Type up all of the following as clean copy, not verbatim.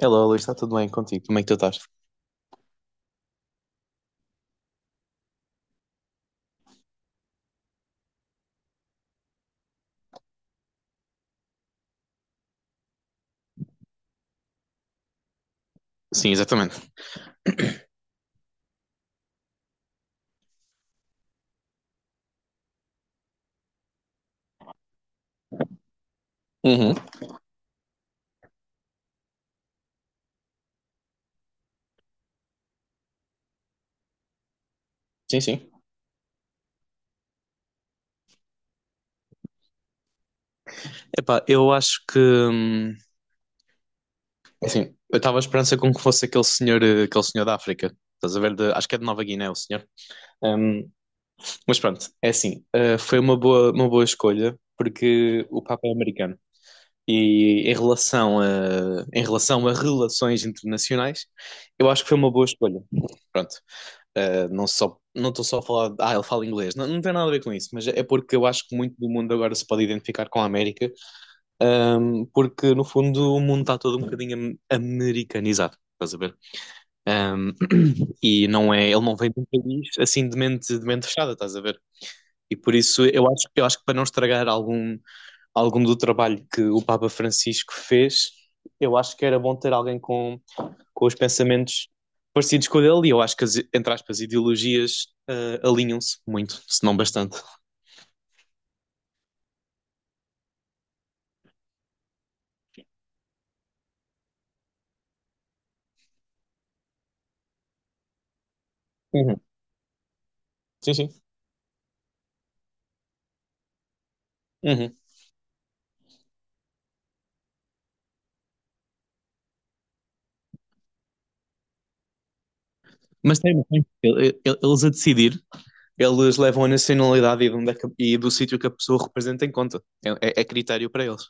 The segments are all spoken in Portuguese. Hello, Luís, está tudo bem contigo? Como é que tu estás? Sim, exatamente. Uhum. Sim, sim. Epá, eu acho que assim, eu estava à esperança com que fosse aquele senhor, aquele senhor da África. Estás a ver? De- acho que é de Nova Guiné, o senhor. Hum, mas pronto, é assim, foi uma boa escolha porque o Papa é americano. E em relação a relações internacionais, eu acho que foi uma boa escolha. Pronto. Não só, não estou só a falar, de, ah, ele fala inglês, não, não tem nada a ver com isso, mas é porque eu acho que muito do mundo agora se pode identificar com a América, um, porque no fundo o mundo está todo um bocadinho americanizado, estás a ver? Um, e não é, ele não vem de um país assim de mente fechada, estás a ver? E por isso eu acho que para não estragar algum, algum do trabalho que o Papa Francisco fez, eu acho que era bom ter alguém com os pensamentos parecidos com o dele, e eu acho que as, entre aspas, ideologias ah, alinham-se muito, se não bastante. Uhum. Sim, sim. Uhum. Mas tem, tem. Eles a decidir, eles levam a nacionalidade e, de onde é que- e do sítio que a pessoa representa em conta. É, é critério para eles.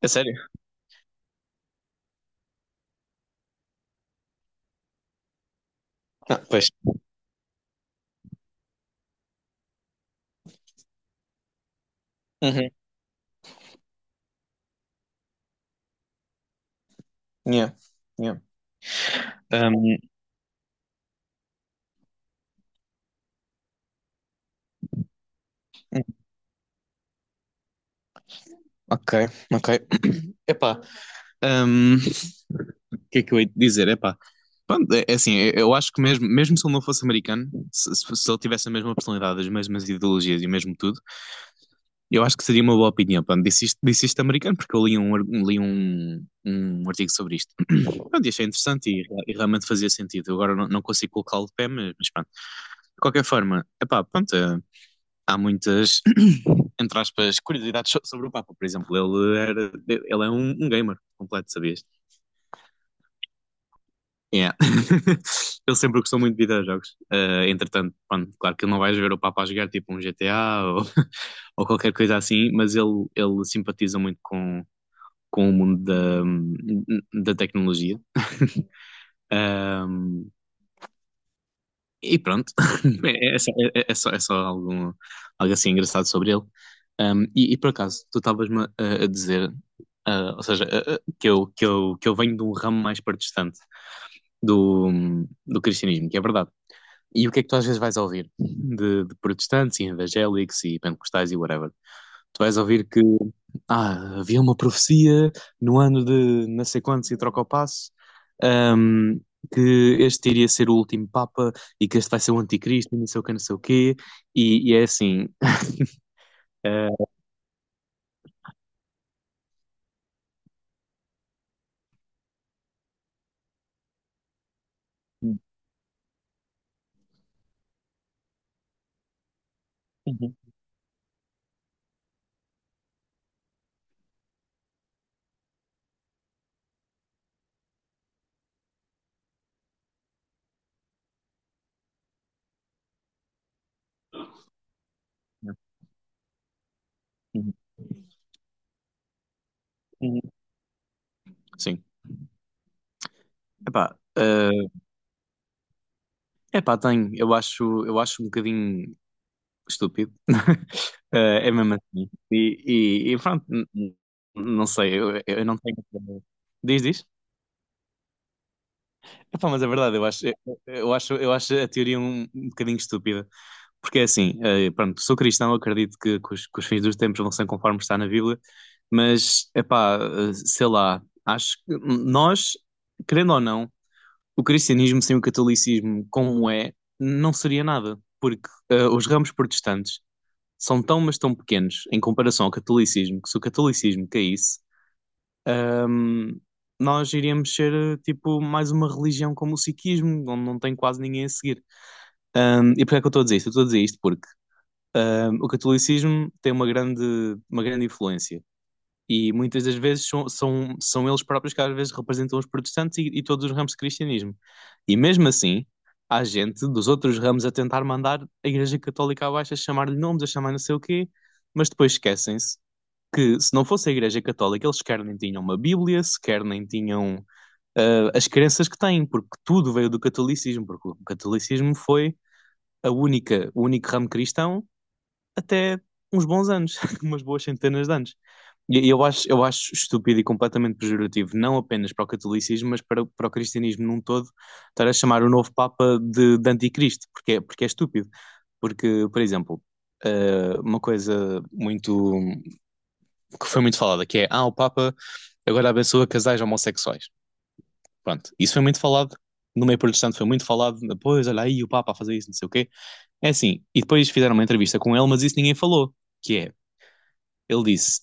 É sério? Ah, pois. Uhum. Yeah. Yeah. Um, ok, ok. Epá, um, que é que eu hei de dizer? Epá, pronto, é, é assim, eu acho que mesmo, mesmo se ele não fosse americano, se ele tivesse a mesma personalidade, as mesmas ideologias e o mesmo tudo, eu acho que seria uma boa opinião. Pronto, disse isto americano porque eu li um, li um, um artigo sobre isto. Pronto, e achei interessante e realmente fazia sentido. Eu agora não, não consigo colocá-lo de pé, mas pronto. De qualquer forma, epá, pronto, há muitas, entre aspas, curiosidades sobre o Papa. Por exemplo, ele, era, ele é um, um gamer completo, sabias? Yeah. Ele sempre gostou muito de videojogos. Eh, entretanto, pronto, claro que ele não vais ver o Papa a jogar tipo um GTA ou, ou qualquer coisa assim, mas ele simpatiza muito com o mundo da, da tecnologia. E pronto, é, é só, é só, é só algo, algo assim engraçado sobre ele. Um, e por acaso, tu estavas-me a dizer, ah, ou seja, que eu venho de um ramo mais partistante do, do cristianismo, que é verdade. E o que é que tu às vezes vais ouvir? De protestantes e evangélicos e pentecostais e whatever. Tu vais ouvir que ah, havia uma profecia no ano de não sei quantos e troca o passo, ahm, que este iria ser o último Papa e que este vai ser o anticristo, e não sei o que, não sei o quê. E é assim, uh, uhum, uhum, uhum. Sim. Epá, epá, tenho. Eu acho um bocadinho estúpido. Eh, é mesmo assim. E pronto, não sei, eu não tenho. Diz, diz. Epá, mas é verdade, eu acho a teoria um, um bocadinho estúpida. Porque é assim, pronto, sou cristão, acredito que os fins dos tempos vão ser conforme está na Bíblia, mas, epá, eh, sei lá, acho que nós, querendo ou não, o cristianismo sem o catolicismo, como é, não seria nada, porque os ramos protestantes são tão, mas tão pequenos em comparação ao catolicismo, que se o catolicismo caísse, hum, nós iríamos ser tipo mais uma religião como o sikhismo, onde não tem quase ninguém a seguir. E porquê é que eu estou a dizer isto? Eu estou a dizer isto porque o catolicismo tem uma grande influência. E muitas das vezes são, são, são eles próprios que às vezes representam os protestantes e todos os ramos de cristianismo. E mesmo assim, há gente dos outros ramos a tentar mandar a Igreja Católica abaixo, a chamar-lhe nomes, a chamar não sei o quê, mas depois esquecem-se que se não fosse a Igreja Católica, eles sequer nem tinham uma Bíblia, sequer nem tinham ah, as crenças que têm, porque tudo veio do catolicismo, porque o catolicismo foi a única, o único ramo cristão até uns bons anos, umas boas centenas de anos. E eu acho estúpido e completamente pejorativo, não apenas para o catolicismo, mas para, para o cristianismo num todo, estar a chamar o novo Papa de anticristo, porque é estúpido. Porque, por exemplo, uma coisa muito que foi muito falada, que é, ah, o Papa agora abençoa casais homossexuais. Pronto, isso foi muito falado, no meio protestante foi muito falado, depois, olha aí o Papa a fazer isso, não sei o quê. É assim, e depois fizeram uma entrevista com ele, mas isso ninguém falou, que é, ele disse,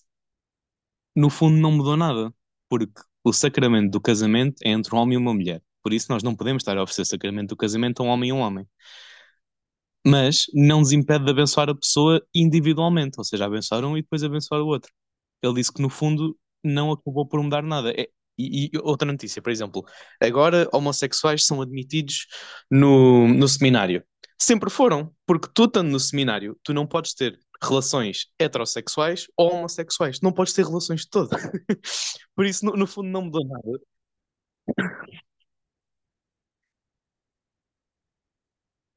no fundo, não mudou nada, porque o sacramento do casamento é entre um homem e uma mulher. Por isso, nós não podemos estar a oferecer o sacramento do casamento a um homem e um homem. Mas não nos impede de abençoar a pessoa individualmente, ou seja, abençoar um e depois abençoar o outro. Ele disse que no fundo não acabou por mudar nada. E, e outra notícia, por exemplo, agora homossexuais são admitidos no, no seminário. Sempre foram, porque tu estando no seminário, tu não podes ter relações heterossexuais ou homossexuais, não podes ter relações de todas. Por isso, no, no fundo, não mudou nada.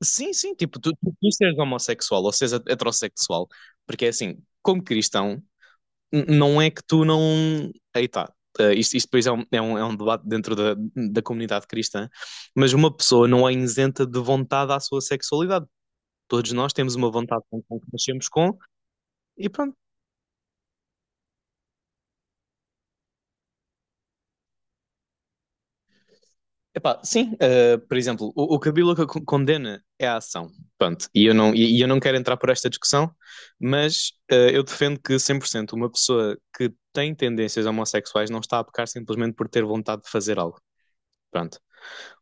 Sim, sim, tipo, tu seres homossexual ou seres heterossexual, porque é assim, como cristão, não é que tu não. Aí tá. Eh, isto depois é um, é um debate dentro da, da comunidade cristã, mas uma pessoa não é isenta de vontade à sua sexualidade. Todos nós temos uma vontade com que nascemos com, e pronto. Epá, sim, por exemplo, o que a Bíblia condena é a ação. Pronto, e eu não quero entrar por esta discussão, mas eu defendo que 100% uma pessoa que tem tendências homossexuais não está a pecar simplesmente por ter vontade de fazer algo. Pronto.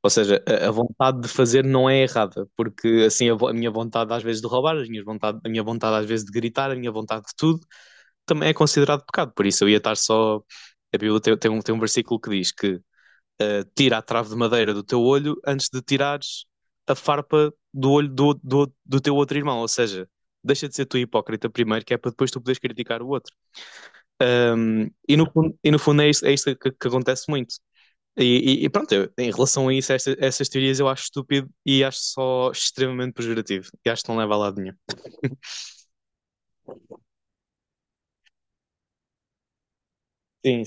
Ou seja, a vontade de fazer não é errada, porque assim a, a minha vontade às vezes de roubar, as minhas vontade, a minha vontade às vezes de gritar, a minha vontade de tudo, também é considerado pecado. Por isso eu ia estar só. A Bíblia tem, tem um versículo que diz que tira a trave de madeira do teu olho antes de tirares a farpa do olho do, do, do teu outro irmão. Ou seja, deixa de ser tu hipócrita primeiro, que é para depois tu poderes criticar o outro. E, e no fundo é isso, é isso que acontece muito. E, e pronto, em relação a isso, essas teorias eu acho estúpido e acho só extremamente pejorativo. E acho que não leva a lado nenhum. Sim,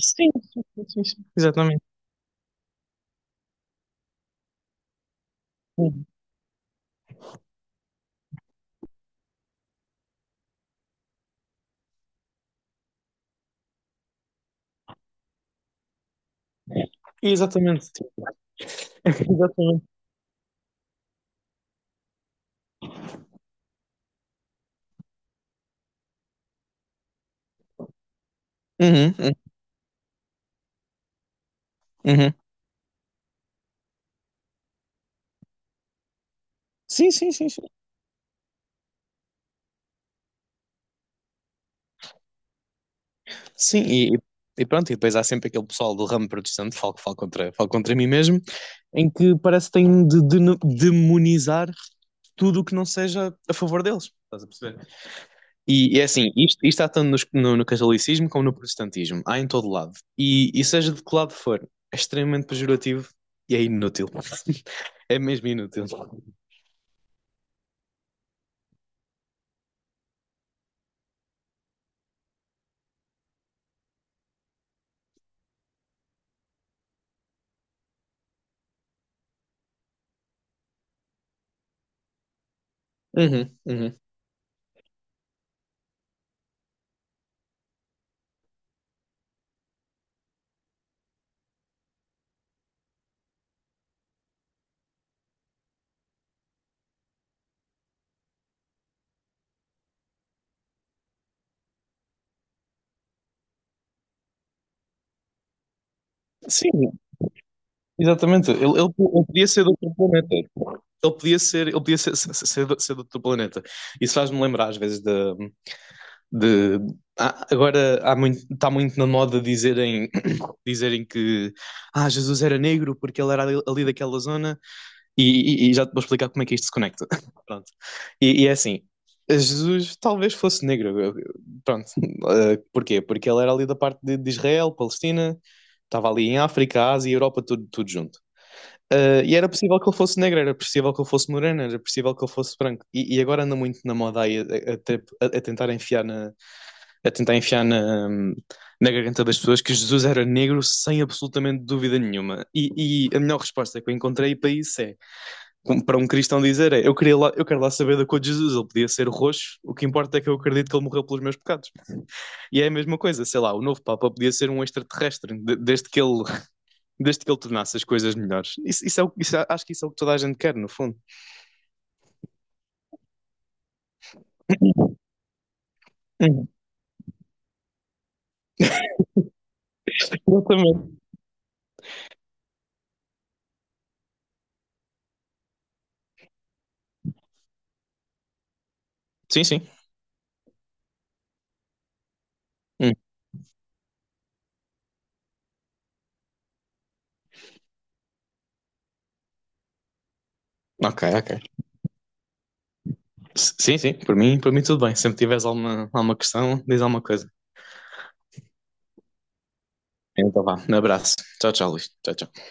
sim, sim, sim, sim, sim. Exatamente. Sim. Exatamente, sim. Exatamente. Uhum, uhum. Uhum. Sim, sim, sim, sim. Sim, e, e pronto, e depois há sempre aquele pessoal do ramo protestante, falo, falo contra mim mesmo, em que parece que têm de, demonizar tudo o que não seja a favor deles. Estás a perceber? E, é assim, isto há tanto no, no catolicismo como no protestantismo, há em todo lado. E seja de que lado for, é extremamente pejorativo e é inútil. É mesmo inútil. Uhum, uhum. Sim, exatamente, ele podia ser de outro planeta. Ele podia ser, de ser de outro planeta. Isso faz-me lembrar às vezes de agora há muito, está muito na moda dizerem, dizerem que ah, Jesus era negro porque ele era ali, ali daquela zona e, e já te vou explicar como é que isto se conecta. Pronto. E é assim, Jesus talvez fosse negro. Pronto. Eh, porquê? Porque ele era ali da parte de Israel, Palestina, estava ali em África, Ásia e Europa, tudo, tudo junto. Ah, e era possível que ele fosse negro, era possível que ele fosse moreno, era possível que ele fosse branco. E agora anda muito na moda aí a, a tentar enfiar na, a tentar enfiar na, na garganta das pessoas que Jesus era negro sem absolutamente dúvida nenhuma. E a melhor resposta que eu encontrei para isso é, como para um cristão dizer, é, eu queria lá, eu quero lá saber da cor de Jesus, ele podia ser roxo, o que importa é que eu acredito que ele morreu pelos meus pecados. E é a mesma coisa, sei lá, o novo Papa podia ser um extraterrestre, desde que ele tornasse as coisas melhores. Isso é o, acho que isso é o que toda a gente quer, no fundo. Hum, Exatamente. Sim, sim. Hum, ok, ok. Sim, sim, por mim tudo bem. Sempre tiveres alguma, alguma questão, diz alguma coisa. Então vá, um abraço. Tchau, tchau, Luís. Tchau, tchau.